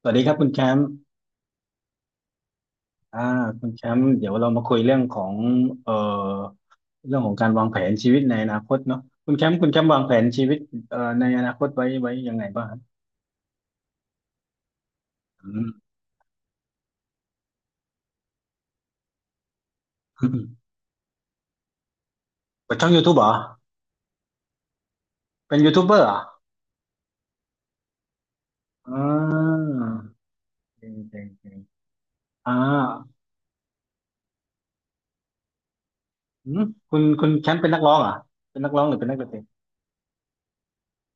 สวัสดีครับคุณแชมป์อ่าคุณแชมป์เดี๋ยวเรามาคุยเรื่องของเอ่อเรื่องของการวางแผนชีวิตในอนาคตเนาะคุณแชมป์วางแผนชีวิตในอนาคตไว้ยังไงบ้างครับอืม เปิดช่อง YouTube เหรอเป็นยูทูบเบอร์เหรออ่าเก่งเก่งเก่งอ่าอืมคุณแชมป์เป็นนักร้องเหรอเป็นนักร้องหรือเป็นนักดนตรี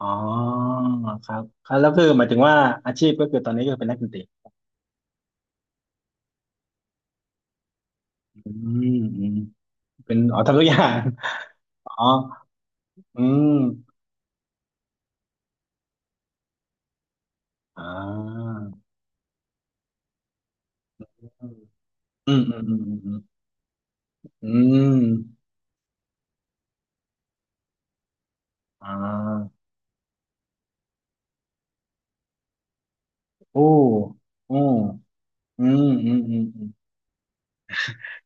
อ๋อครับครับแล้วคือหมายถึงว่าอาชีพก็คือตอนนี้ก็เป็นนักดนตรีอืมอืมเป็นอ๋อทำทุกอย่าง อ๋ออืม อ่าอืมอืมอืมอืมอืมอ่าโอ้โอ้อืมอืมอืมอืม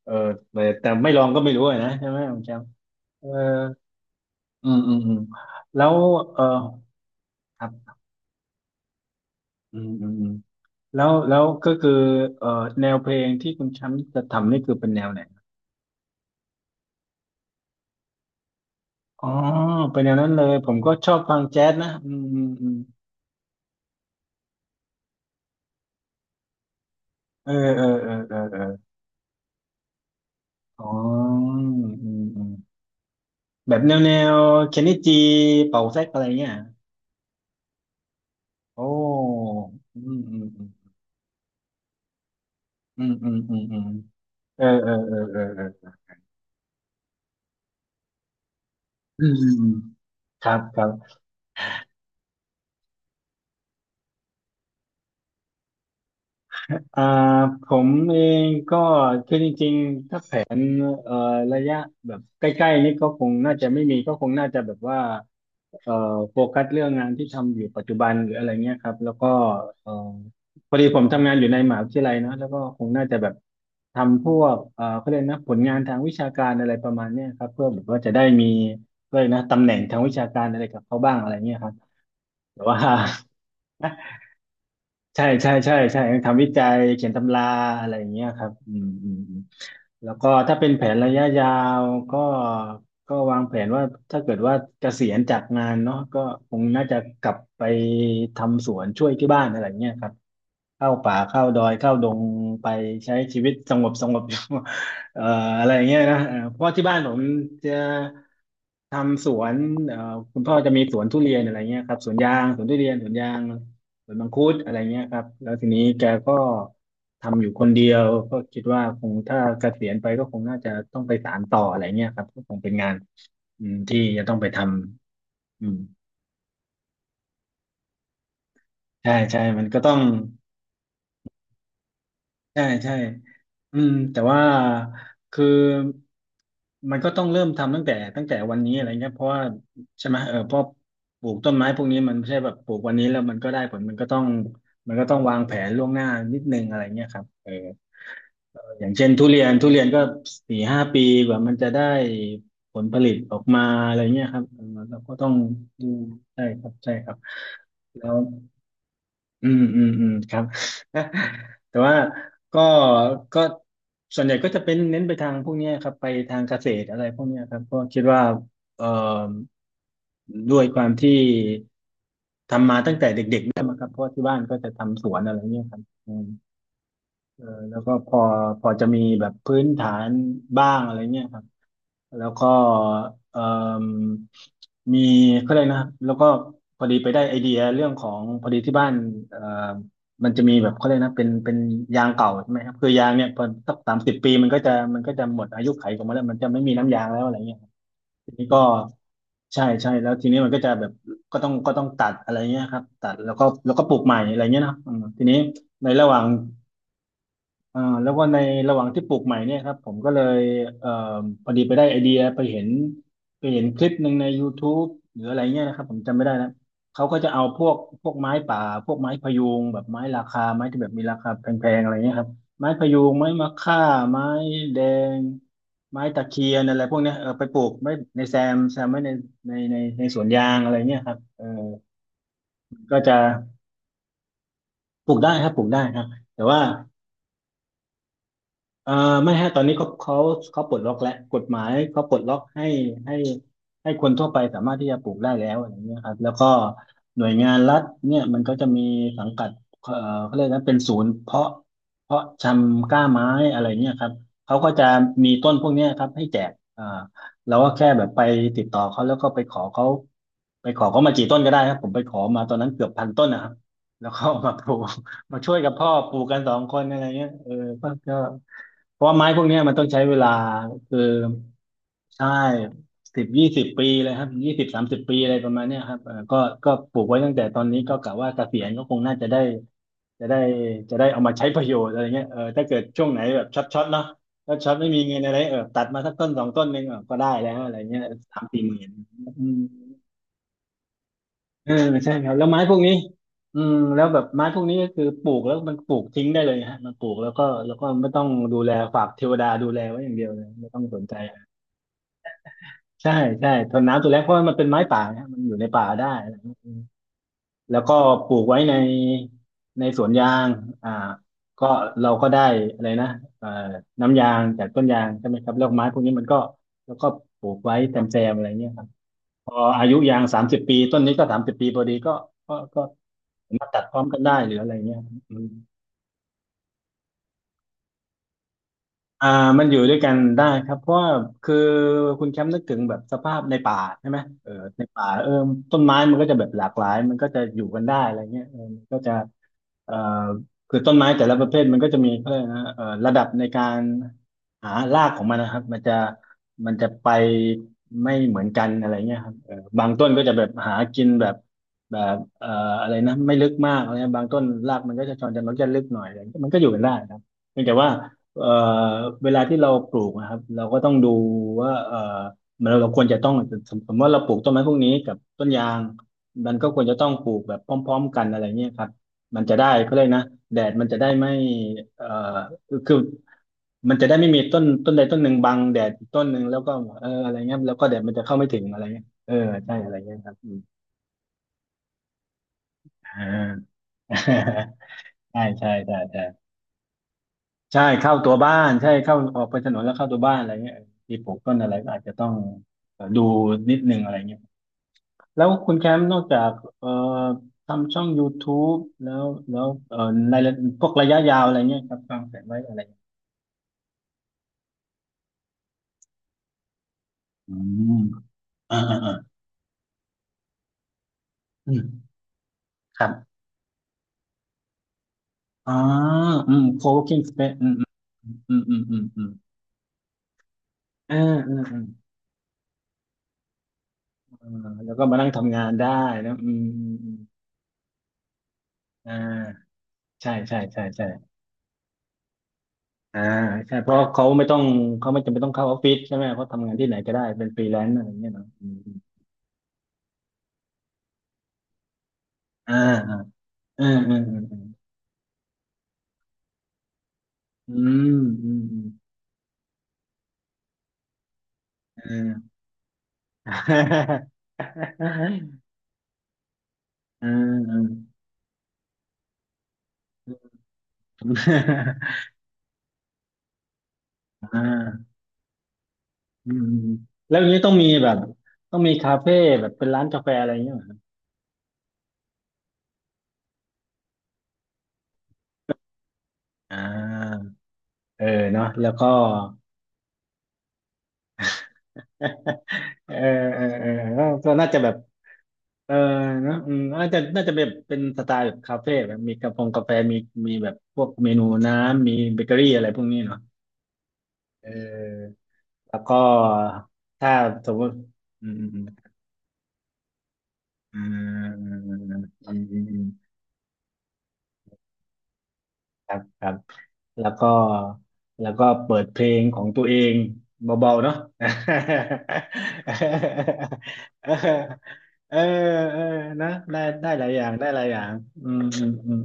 เออแต่ไม่ลองก็ไม่รู้อะนะใช่ไหมคุณแชมป์เอออืมอืมอืมแล้วเออครับอืมอืมอืมแล้วก็คือเออแนวเพลงที่คุณแชมป์จะทำนี่คือเป็นแนวไหนอ๋อเป็นแนวนั้นเลยผมก็ชอบฟังแจ๊สนะอืมอืมอืมเออเออเออเออเอออ๋ออืมอืม แบบแนวเคนนิจิเป่าแซกอะไรเงี้ยโอ้อืมอืมอืมอืมอืมอืมเออเออเออเออเอออืมอืมครับครับอ่าผมเองก็คือจริงๆถ้าแผนเอ่อระยะแบบใกล้ๆนี่ก็คงน่าจะไม่มีก็คงน่าจะแบบว่า เอ่อโฟกัสเรื่องงานที่ทำอยู่ปัจจุบันหรืออะไรเงี้ยครับแล้วก็เอ่อพอดีผมทำงานอยู่ในมหาวิทยาลัยเนอะแล้วก็คงน่าจะแบบทำพวกเขาเรียกนะผลงานทางวิชาการอะไรประมาณเนี้ยครับเพื่อแบบว่าจะได้มีเลยกนะตำแหน่งทางวิชาการอะไรกับเขาบ้างอะไรเงี้ยครับแต่ว่า ใช่ใช่ใช่ใช่ทำวิจัยเขียนตำราอะไรอย่างเงี้ยครับอืมอืมอืมแล้วก็ถ้าเป็นแผนระยะยาวก็ก็วางแผนว่าถ้าเกิดว่าเกษียณจากงานเนาะก็คงน่าจะกลับไปทำสวนช่วยที่บ้านอะไรอย่างเงี้ยครับเข้าป่าเข้าดอยเข้าดงไปใช้ชีวิตสงบสงบอยู่ เอ่ออะไรอย่างเงี้ยนะเพราะว่าที่บ้านผมจะทำสวนเอ่อคุณพ่อจะมีสวนทุเรียนอะไรเงี้ยครับสวนยางสวนทุเรียนสวนยาง สวนมังคุดอะไรเงี้ยครับ แล้วทีนี้แกก็ทำอยู่คนเดียว ก็คิดว่าคงถ้าเกษียณไปก็คงน่าจะต้องไปสานต่ออะไรเงี้ยครับก็คงเป็นงานอืมที่จะต้องไปทำอืมใช่ใช่ มันก็ต้อง ใช่ใช่อืมแต่ว่าคือมันก็ต้องเริ่มทำตั้งแต่วันนี้อะไรเงี้ยเพราะว่าใช่ไหมเออเพราะปลูกต้นไม้พวกนี้มันไม่ใช่แบบปลูกวันนี้แล้วมันก็ได้ผลมันก็ต้องวางแผนล่วงหน้านิดนึงอะไรเงี้ยครับเออเอออย่างเช่นทุเรียนทุเรียนก็4-5 ปีกว่ามันจะได้ผลผลิตออกมาอะไรเงี้ยครับเออเราก็ต้องดูใช่ครับใช่ครับแล้ว อืมอืมอืมครับ แต่ว่าก็ก็ส่วนใหญ่ก็จะเป็นเน้นไปทางพวกเนี้ยครับไปทางเกษตรอะไรพวกเนี้ยครับเพราะคิดว่าเอ่อด้วยความที่ทำมาตั้งแต่เด็กๆด้วยมั้งครับเพราะว่าที่บ้านก็จะทำสวนอะไรเงี้ยครับ เออแล้วก็พอจะมีแบบพื้นฐานบ้างอะไรเงี้ยครับแล้วก็เอ่มมีก็เลยกนะครับแล้วก็พอดีไปได้ไอเดียเรื่องของพอดีที่บ้านเอ่อมันจะมีแบบเขาเลยกนะเป็นยางเก่าใช่ไหมครับคือยางเนี่ยพอสัก30 ปีมันก็จะหมดอายุไขของมันแล้วมันจะไม่มีน้ำยางแล้วอะไรเงี้ยครับทีนี้ก็ใช่ใช่แล้วทีนี้มันก็จะแบบก็ต้องตัดอะไรเงี้ยครับตัดแล้วก็ปลูกใหม่อะไรเงี้ยเนาะอืมทีนี้ในระหว่าง แล้วก็ในระหว่างที่ปลูกใหม่เนี่ยครับผมก็เลยเอ่อพอดีไปได้ไอเดียไปเห็นคลิปหนึ่งใน YouTube หรืออะไรเงี้ยนะครับผมจำไม่ได้นะเขาก็จะเอาพวกไม้ป่าพวกไม้พะยูงแบบไม้ราคาไม้ที่แบบมีราคาแพงๆอะไรเงี้ยครับไม้พะยูงไม้มะค่าไม้แดงไม้ตะเคียนอะไรพวกเนี้ยเออไปปลูกไว้ในแซมแซมไว้ในในสวนยางอะไรเงี้ยครับเออก็จะปลูกได้ครับปลูกได้ครับแต่ว่า เอ่อไม่ฮะตอนนี้เขาปลดล็อกแล้วกฎหมายเขาปลดล็อกให้ให้คนทั่วไปสามารถที่จะปลูกได้แล้วอะไรเงี้ยครับแล้วก็หน่วยงานรัฐเนี่ยมันก็จะมีสังกัดเอ่อเขาเรียกนะเป็นศูนย์เพาะชำกล้าไม้อะไรเงี้ยครับเขาก็จะมีต้นพวกเนี้ยครับให้แจกเราก็แค่แบบไปติดต่อเขาแล้วก็ไปขอเขามากี่ต้นก็ได้ครับผมไปขอมาตอนนั้นเกือบ 1,000 ต้นนะครับแล้วก็มาปลูกมาช่วยกับพ่อปลูกกันสองคนอะไรเงี้ยเออก็ก็ เพราะว่าไม้พวกเนี้ยมันต้องใช้เวลาคือใช่10-20 ปีเลยครับ20-30 ปีอะไรประมาณเนี้ยครับเออก็ปลูกไว้ตั้งแต่ตอนนี้ก็กะว่าเกษียณก็คงน่าจะได้จะได้จะได้เอามาใช้ประโยชน์อะไรเงี้ยเออถ้าเกิดช่วงไหนแบบช็อตช็อตเนาะถ้ช็อตไม่มีเงินอะไรเออตัดมาสักต้นสองต้นหนึ่งเออก็ได้แล้วอะไรเงี้ย30,000-40,000อืม เออใช่ครับแล้วไม้พวกนี้อืมแล้วแบบไม้พวกนี้ก็คือปลูกแล้วมันปลูกทิ้งได้เลยฮะมันปลูกแล้วก็ไม่ต้องดูแลฝากเทวดาดูแลไว้อย่างเดียวเลยไม่ต้องสนใจใช่ใช่ทนน้ำตัวแรกเพราะว่ามันเป็นไม้ป่านะฮะมันอยู่ในป่าได้อะไรอย่างเงี้ยอืมแล้วก็ปลูกไว้ในสวนยางอ่าก็เราก็ได้อะไรนะเอ่อน้ำยางจากต้นยางใช่ไหมครับแล้วไม้พวกนี้มันก็แล้วก็ปลูกไว้แซมๆอะไรเงี้ยครับพออายุยางสามสิบปีต้นนี้ก็สามสิบปีพอดีก็ มาตัดพร้อมกันได้หรืออะไรเงี้ยอืม อ่ามันอยู่ด้วยกันได้ครับเพราะว่าคือคุณแชมป์นึกถึงแบบสภาพในป่าใช่ไหมเออในป่าเออต้นไม้มันก็จะแบบหลากหลายมันก็จะอยู่กันได้อะไรเงี้ยเออมันก็จะเอ่อคือต้นไม้แต่ละประเภทมันก็จะมีเขาเรียกนะระดับในการหารากของมันนะครับมันจะไปไม่เหมือนกันอะไรเงี้ยครับเออบางต้นก็จะแบบหากินแบบแบบเอ่ออะไรนะไม่ลึกมากอะไรเงี้ยบางต้นรากมันก็จะชอนจะมันก็จะลึกหน่อยอะไรเงี้ยมันก็อยู่กันได้นะครับเพียงแต่ว่า เอ่อเวลาที่เราปลูกนะครับเราก็ต้องดูว่ามันเราควรจะต้องสมมติว่าเราปลูกต้นไม้พวกนี้กับต้นยางมันก็ควรจะต้องปลูกแบบพร้อมๆกันอะไรเงี้ยครับมันจะได้เขาเลยกนะแดดมันจะได้ไม่เอ่อคือมันจะได้ไม่มีต้นต้นใดต้นหนึ่งบังแดดอีกต้นหนึ่งแล้วก็เอออะไรเงี้ยแล้วก็แดดมันจะเข้าไม่ถึงอะไรเงี้ยเออใช่อะไรเงี้ยครับอืมอ่า ใช่ใช่ใช่ใช่ ใช่เข้าตัวบ้านใช่เข้าออกไปถนนแล้วเข้าตัวบ้านอะไรเงี้ยมีปลูกต้นอะไรก็อาจจะต้องดูนิดนึงอะไรเงี้ยแล้วคุณแคมป์นอกจากเอ่อทำช่อง YouTube แล้วแล้วในพวกระยะยาวอะไรเงี้ยครับวางแผนไว้อะไรอืมอ่าอ่าอ่าอืมครับอ๋ออืม co-working space อืมอืมอืมอืมอืมอืมอ่าอืมอืมอ่าแล้วก็มานั่งทำงานได้นะอืมอืมอืมอ่าใช่ใช่ใช่ใช่ อ่าใช่เพราะเขาไม่จำเป็นต้องเข้าออฟฟิศใช่ไหมเขาทำงานที่ไหนก็ได้เป็นฟรีแลนซ์อะไรอย่างเงี้ยเนาะอืมอ่าอ่าอ่าอืมอืมอืมอ่าอ่าอ่าอ่าอืมแล้วอย่างนี้ต้องมีแบบต้องมีคาเฟ่แบบเป็นร้านกาแฟอะไรอย่างเงี้ยเหรอครับอ่าเออเนาะแล้วก็ เออเออเออก็น่าจะแบบ เออนะอืมน่าจะน่าจะแบบเป็นสไตล์แบบคาเฟ่แบบมีกระพงกาแฟมีแบบพวกเมนูน้ำมีเบเกอรี่อะไรพวกนี้เนาะเออแล้วก็ถ้าสมมติอืมอืมอืมอืมอืมอืมอืมครับครับแล้วก็แล้วก็เปิดเพลงของตัวเองเบาๆเนาะเออเออเออนะได้ได้หลายอย่างได้หลายอย่างอืมอืมอืม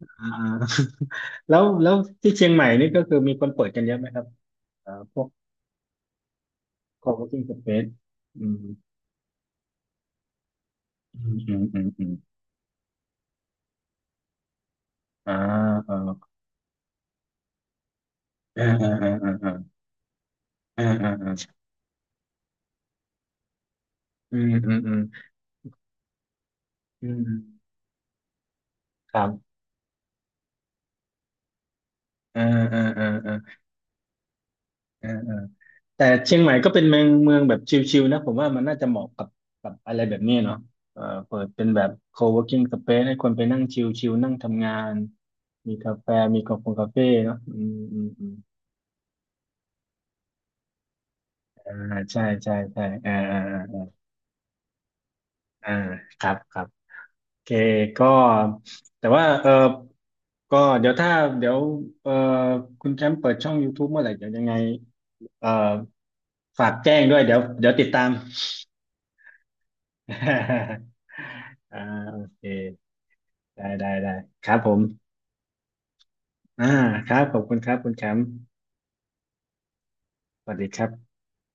อ่า แล้วที่เชียงใหม่นี่ก็คือมีคนเปิดกันเยอะไหมครับพวก co-working space อืมอืมอืมอืมอืมอ่าเออเออเออเออเออเออเออเอออืมอืมอืมอืมครับเออเออเออเออเออเออแต่เชียงใหม่ก็เป็นเมืองแบบชิลๆนะผมว่ามันน่าจะเหมาะกับกับอะไรแบบนี้เนาะเปิดเป็นแบบ co-working space ให้คนไปนั่งชิลๆนั่งทำงานมีกาแฟมีกาแฟเนาะอืมอืม อ่าใช่ใช่ใช่อ่าอ่าอ่าอ่าครับครับโอเคก็แต่ว่าเออก็เดี๋ยวเดี๋ยวเออคุณแชมป์เปิดช่อง YouTube เมื่อไหร่เดี๋ยวยังไงเออฝากแจ้งด้วยเดี๋ยวติดตาม อ่าโอเคได้ได้ได้ครับผมอ่าครับขอบคุณครับคุณแชมป์สวัสดีครับ